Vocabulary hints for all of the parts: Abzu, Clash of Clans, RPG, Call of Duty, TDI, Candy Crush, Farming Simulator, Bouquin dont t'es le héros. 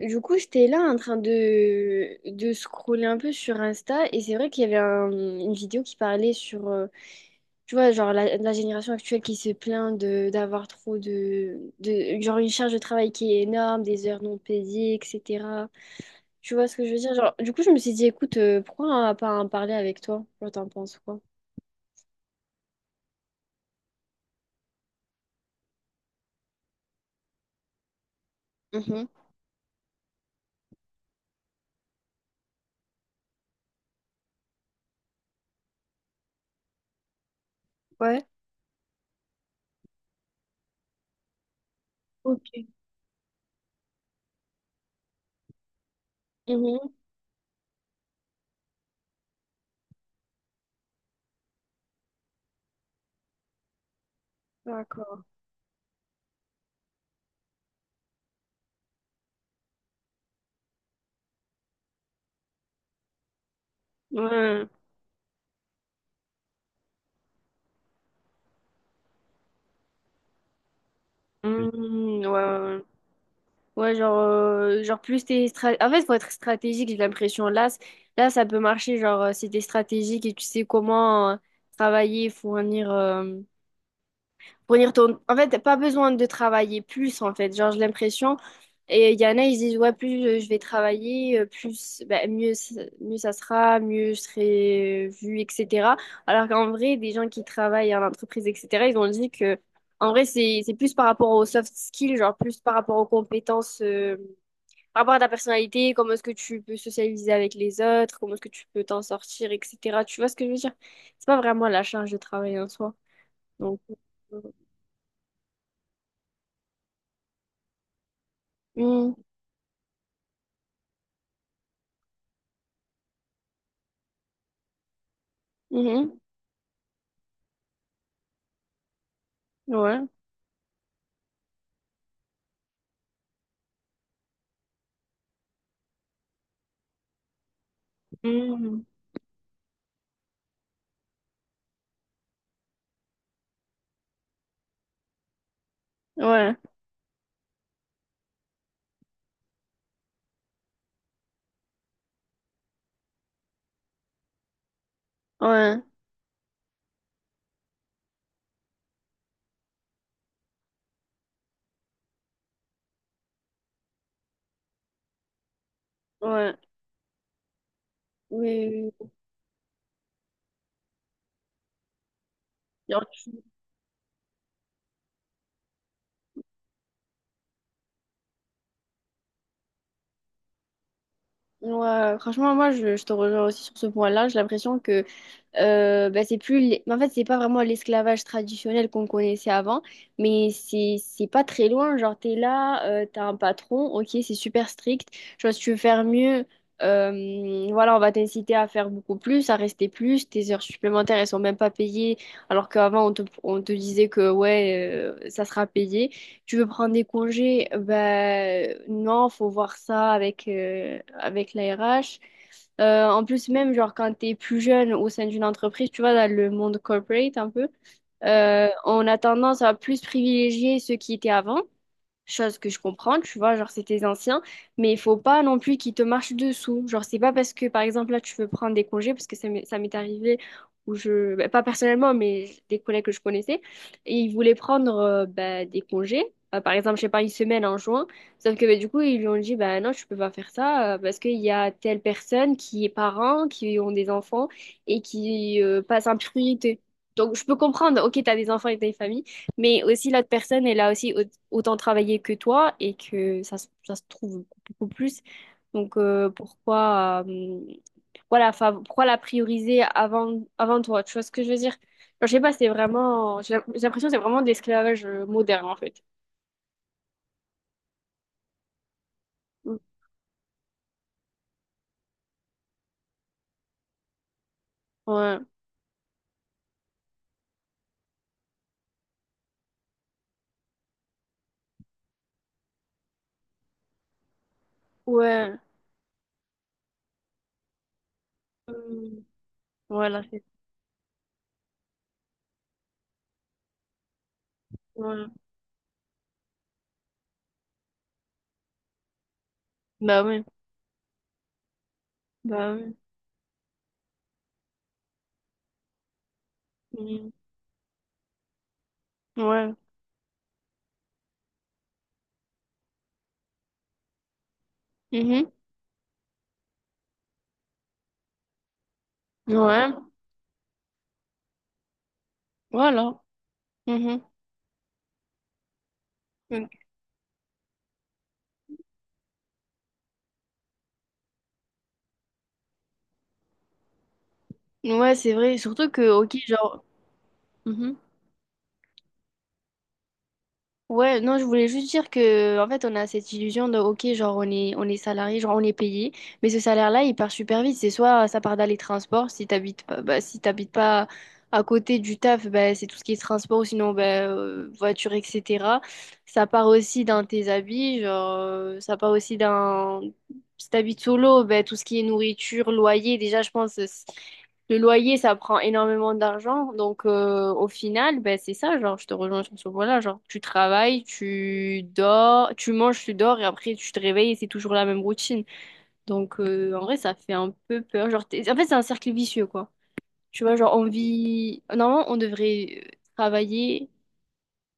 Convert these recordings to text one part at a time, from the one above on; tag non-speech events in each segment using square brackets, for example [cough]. Du coup, j'étais là en train de scroller un peu sur Insta, et c'est vrai qu'il y avait une vidéo qui parlait sur, tu vois, genre la génération actuelle qui se plaint de d'avoir trop genre une charge de travail qui est énorme, des heures non payées, etc. Tu vois ce que je veux dire? Genre, du coup, je me suis dit, écoute, pourquoi pas en parler avec toi? Genre, t'en penses quoi? Mhm. Ouais. Ok. Mhm. D'accord. Ouais. Mmh, ouais, ouais, ouais. Ouais, genre, En fait, faut être stratégique, j'ai l'impression. Là, ça peut marcher, genre, si t'es stratégique et tu sais comment travailler, fournir, fournir ton... En fait, t'as pas besoin de travailler plus, en fait. Genre, j'ai l'impression. Et il y en a, ils disent, ouais, plus je vais travailler, plus, bah, mieux ça sera, mieux je serai vu, etc. Alors qu'en vrai, des gens qui travaillent en entreprise, etc., ils ont dit que, en vrai, c'est plus par rapport aux soft skills, genre, plus par rapport aux compétences. Par rapport à ta personnalité, comment est-ce que tu peux socialiser avec les autres, comment est-ce que tu peux t'en sortir, etc. Tu vois ce que je veux dire? C'est pas vraiment la charge de travail en soi. Donc, euh, mm, mhm, ouais, mm, ouais, ouais, ouais, oui, oui, oui. Genre, tu- ouais, franchement, moi, je te rejoins aussi sur ce point-là. J'ai l'impression que bah, c'est plus en fait c'est pas vraiment l'esclavage traditionnel qu'on connaissait avant, mais c'est pas très loin. Genre, t'es là, t'as un patron, ok, c'est super strict, genre si tu veux faire mieux, voilà, on va t'inciter à faire beaucoup plus, à rester plus, tes heures supplémentaires elles sont même pas payées. Alors qu'avant on on te disait que ouais, ça sera payé. Tu veux prendre des congés, ben non, faut voir ça avec avec la RH. En plus, même genre quand t'es plus jeune au sein d'une entreprise, tu vois, dans le monde corporate un peu, on a tendance à plus privilégier ceux qui étaient avant. Chose que je comprends, tu vois, genre c'est tes anciens, mais il faut pas non plus qu'ils te marchent dessous. Genre c'est pas parce que par exemple là tu veux prendre des congés, parce que ça m'est arrivé, où je, bah, pas personnellement, mais des collègues que je connaissais, et ils voulaient prendre bah, des congés. Par exemple, je sais pas, une semaine en juin, sauf que bah, du coup, ils lui ont dit, bah non, tu peux pas faire ça, parce qu'il y a telle personne qui est parent, qui ont des enfants, et qui passe en priorité. Donc, je peux comprendre, ok, t'as des enfants et t'as une famille, mais aussi, l'autre personne, elle a aussi autant travaillé que toi, et que ça, ça se trouve beaucoup plus. Donc, pourquoi, voilà, pourquoi la prioriser avant toi? Tu vois ce que je veux dire? Genre, je sais pas, c'est vraiment, j'ai l'impression que c'est vraiment de l'esclavage moderne, en fait. Mm. Ouais, ouais. Mm. Voilà, c'est, ouais. Bah ouais, bah ouais. Mm. Ouais. Mhm. Ouais, voilà. Mhm. Ok. Ouais, c'est vrai. Surtout que, ok, genre. Mhm. Ouais, non, je voulais juste dire que, en fait, on a cette illusion de, ok, genre, on est salarié, genre, on est payé, mais ce salaire-là, il part super vite. C'est soit ça part dans les transports, si t'habites pas, bah, si t'habites pas à côté du taf, bah, c'est tout ce qui est transport, ou sinon, bah, voiture, etc. Ça part aussi dans tes habits, genre, ça part aussi dans, si t'habites solo, bah, tout ce qui est nourriture, loyer, déjà, je pense, le loyer, ça prend énormément d'argent. Donc, au final, ben, c'est ça, genre, je te rejoins sur ce point-là. Genre, tu travailles, tu dors, tu manges, tu dors, et après, tu te réveilles, et c'est toujours la même routine. Donc, en vrai, ça fait un peu peur. Genre, en fait, c'est un cercle vicieux, quoi. Tu vois, genre, on vit... Normalement, on devrait travailler...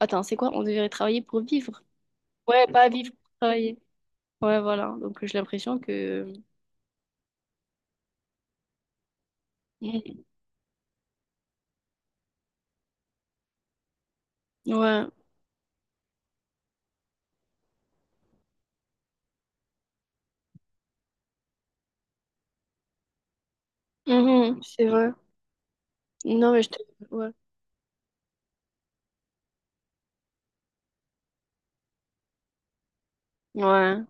Attends, c'est quoi? On devrait travailler pour vivre. Ouais, pas vivre pour travailler. Ouais, voilà. Donc, j'ai l'impression que... Ouais. Mhm, c'est vrai. Non, mais je te... Ouais. Ouais.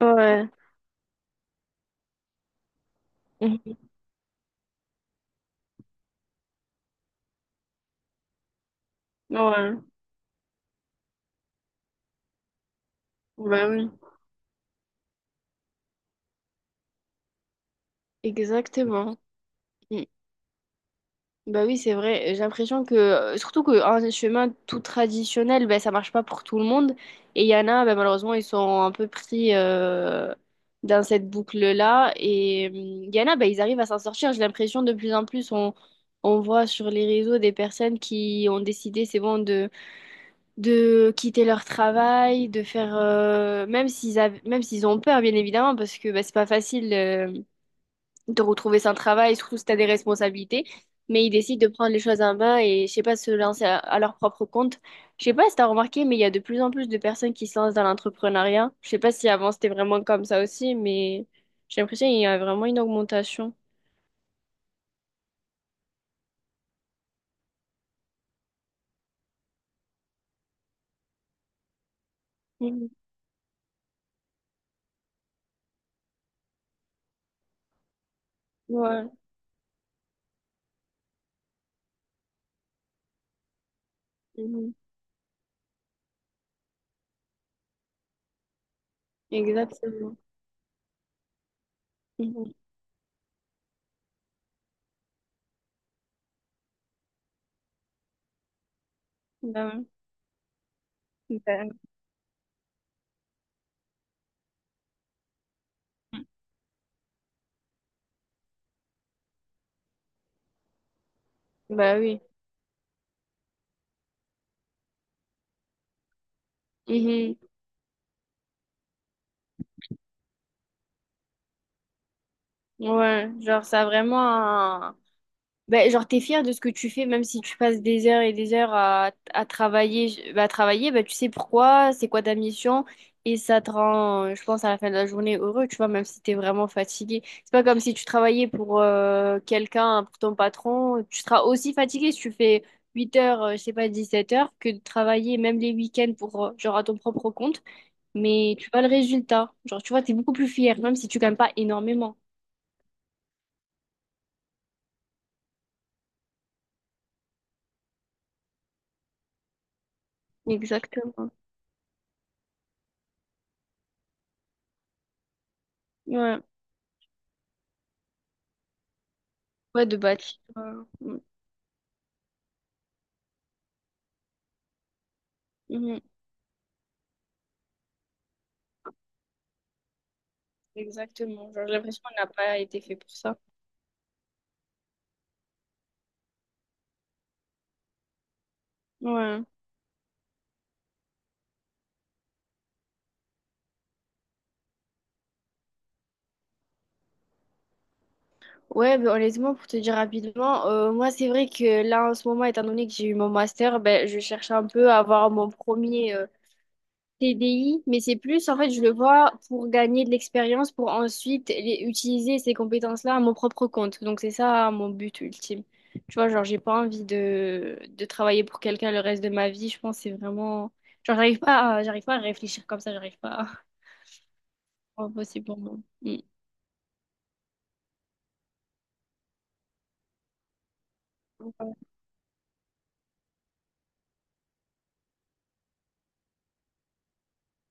Ouais. Mhm. Ouais, bah oui, exactement. Mm. Bah oui, c'est vrai. J'ai l'impression que, surtout qu'un chemin tout traditionnel, bah, ça marche pas pour tout le monde. Et il y en a, bah, malheureusement, ils sont un peu pris dans cette boucle-là. Et il y en a, bah, ils arrivent à s'en sortir. J'ai l'impression de plus en plus, on voit sur les réseaux des personnes qui ont décidé, c'est bon, de quitter leur travail, de faire, même s'ils ont peur, bien évidemment, parce que bah, c'est pas facile. De retrouver son travail, surtout si tu as des responsabilités. Mais ils décident de prendre les choses en main et, je sais pas, se lancer à leur propre compte. Je sais pas si tu as remarqué, mais il y a de plus en plus de personnes qui se lancent dans l'entrepreneuriat. Je sais pas si avant c'était vraiment comme ça aussi, mais j'ai l'impression qu'il y a vraiment une augmentation. Mhm. Ouais. Mhm. Exactement. Mhm. Bah, ouais. Bah, bah oui. Mhm. Ouais, genre ça a vraiment ben, genre, t'es fier de ce que tu fais, même si tu passes des heures et des heures à travailler, ben, tu sais pourquoi, c'est quoi ta mission, et ça te rend, je pense, à la fin de la journée heureux, tu vois, même si t'es vraiment fatigué. C'est pas comme si tu travaillais pour quelqu'un, pour ton patron, tu seras aussi fatigué si tu fais 8 heures, je sais pas, 17 heures, que de travailler même les week-ends pour, genre, à ton propre compte, mais tu vois le résultat. Genre, tu vois, t'es beaucoup plus fier, même si tu gagnes pas énormément. Exactement. Ouais, ouais, de bâtir. euh, Mhm. Exactement. Genre, j'ai l'impression qu'on n'a pas été fait pour ça. Ouais. Ouais, ben, honnêtement, pour te dire rapidement, moi, c'est vrai que là, en ce moment, étant donné que j'ai eu mon master, ben, je cherche un peu à avoir mon premier TDI, mais c'est plus, en fait, je le vois pour gagner de l'expérience, pour ensuite utiliser ces compétences-là à mon propre compte. Donc, c'est ça mon but ultime. Tu vois, genre, j'ai pas envie de travailler pour quelqu'un le reste de ma vie. Je pense que c'est vraiment... Genre, j'arrive pas à réfléchir comme ça, j'arrive pas à... [laughs] C'est impossible pour moi.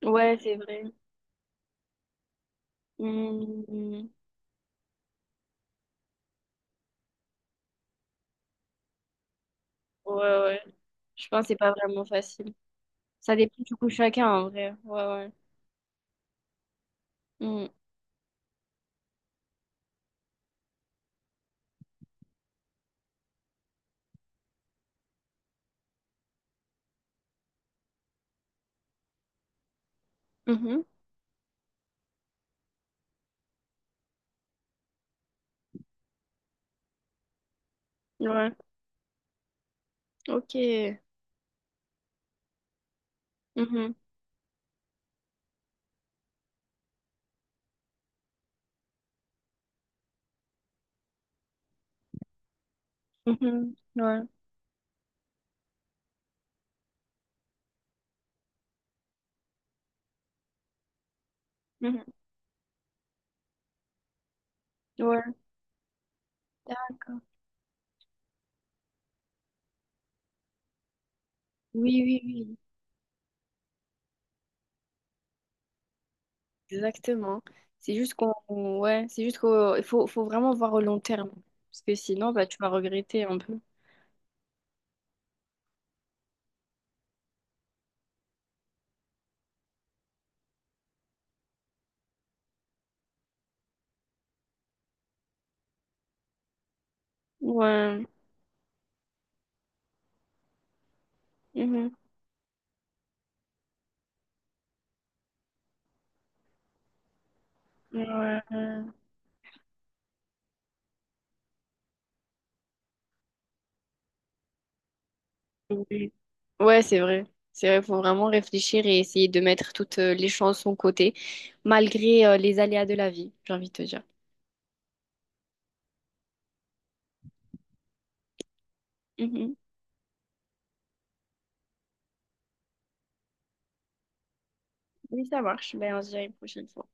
Ouais, c'est vrai. Hmm. Ouais, ouais. Je pense que c'est pas vraiment facile. Ça dépend du coup de chacun en vrai. Ouais, ouais. Hmm. Mhm. Ouais. Ok. Mhm. Mhm. Ouais. Mhm. Ouais. D'accord. Oui, oui, oui. Exactement. C'est juste qu'on ouais, c'est juste qu'il faut vraiment voir au long terme. Parce que sinon, bah, tu vas regretter un peu. Ouais. Mhm. Ouais. Oui. Ouais, c'est vrai. C'est vrai, faut vraiment réfléchir et essayer de mettre toutes les chances de son côté, malgré les aléas de la vie, j'ai envie de te dire. Mhm. Oui, ça marche. Ben, on se dit à une prochaine fois.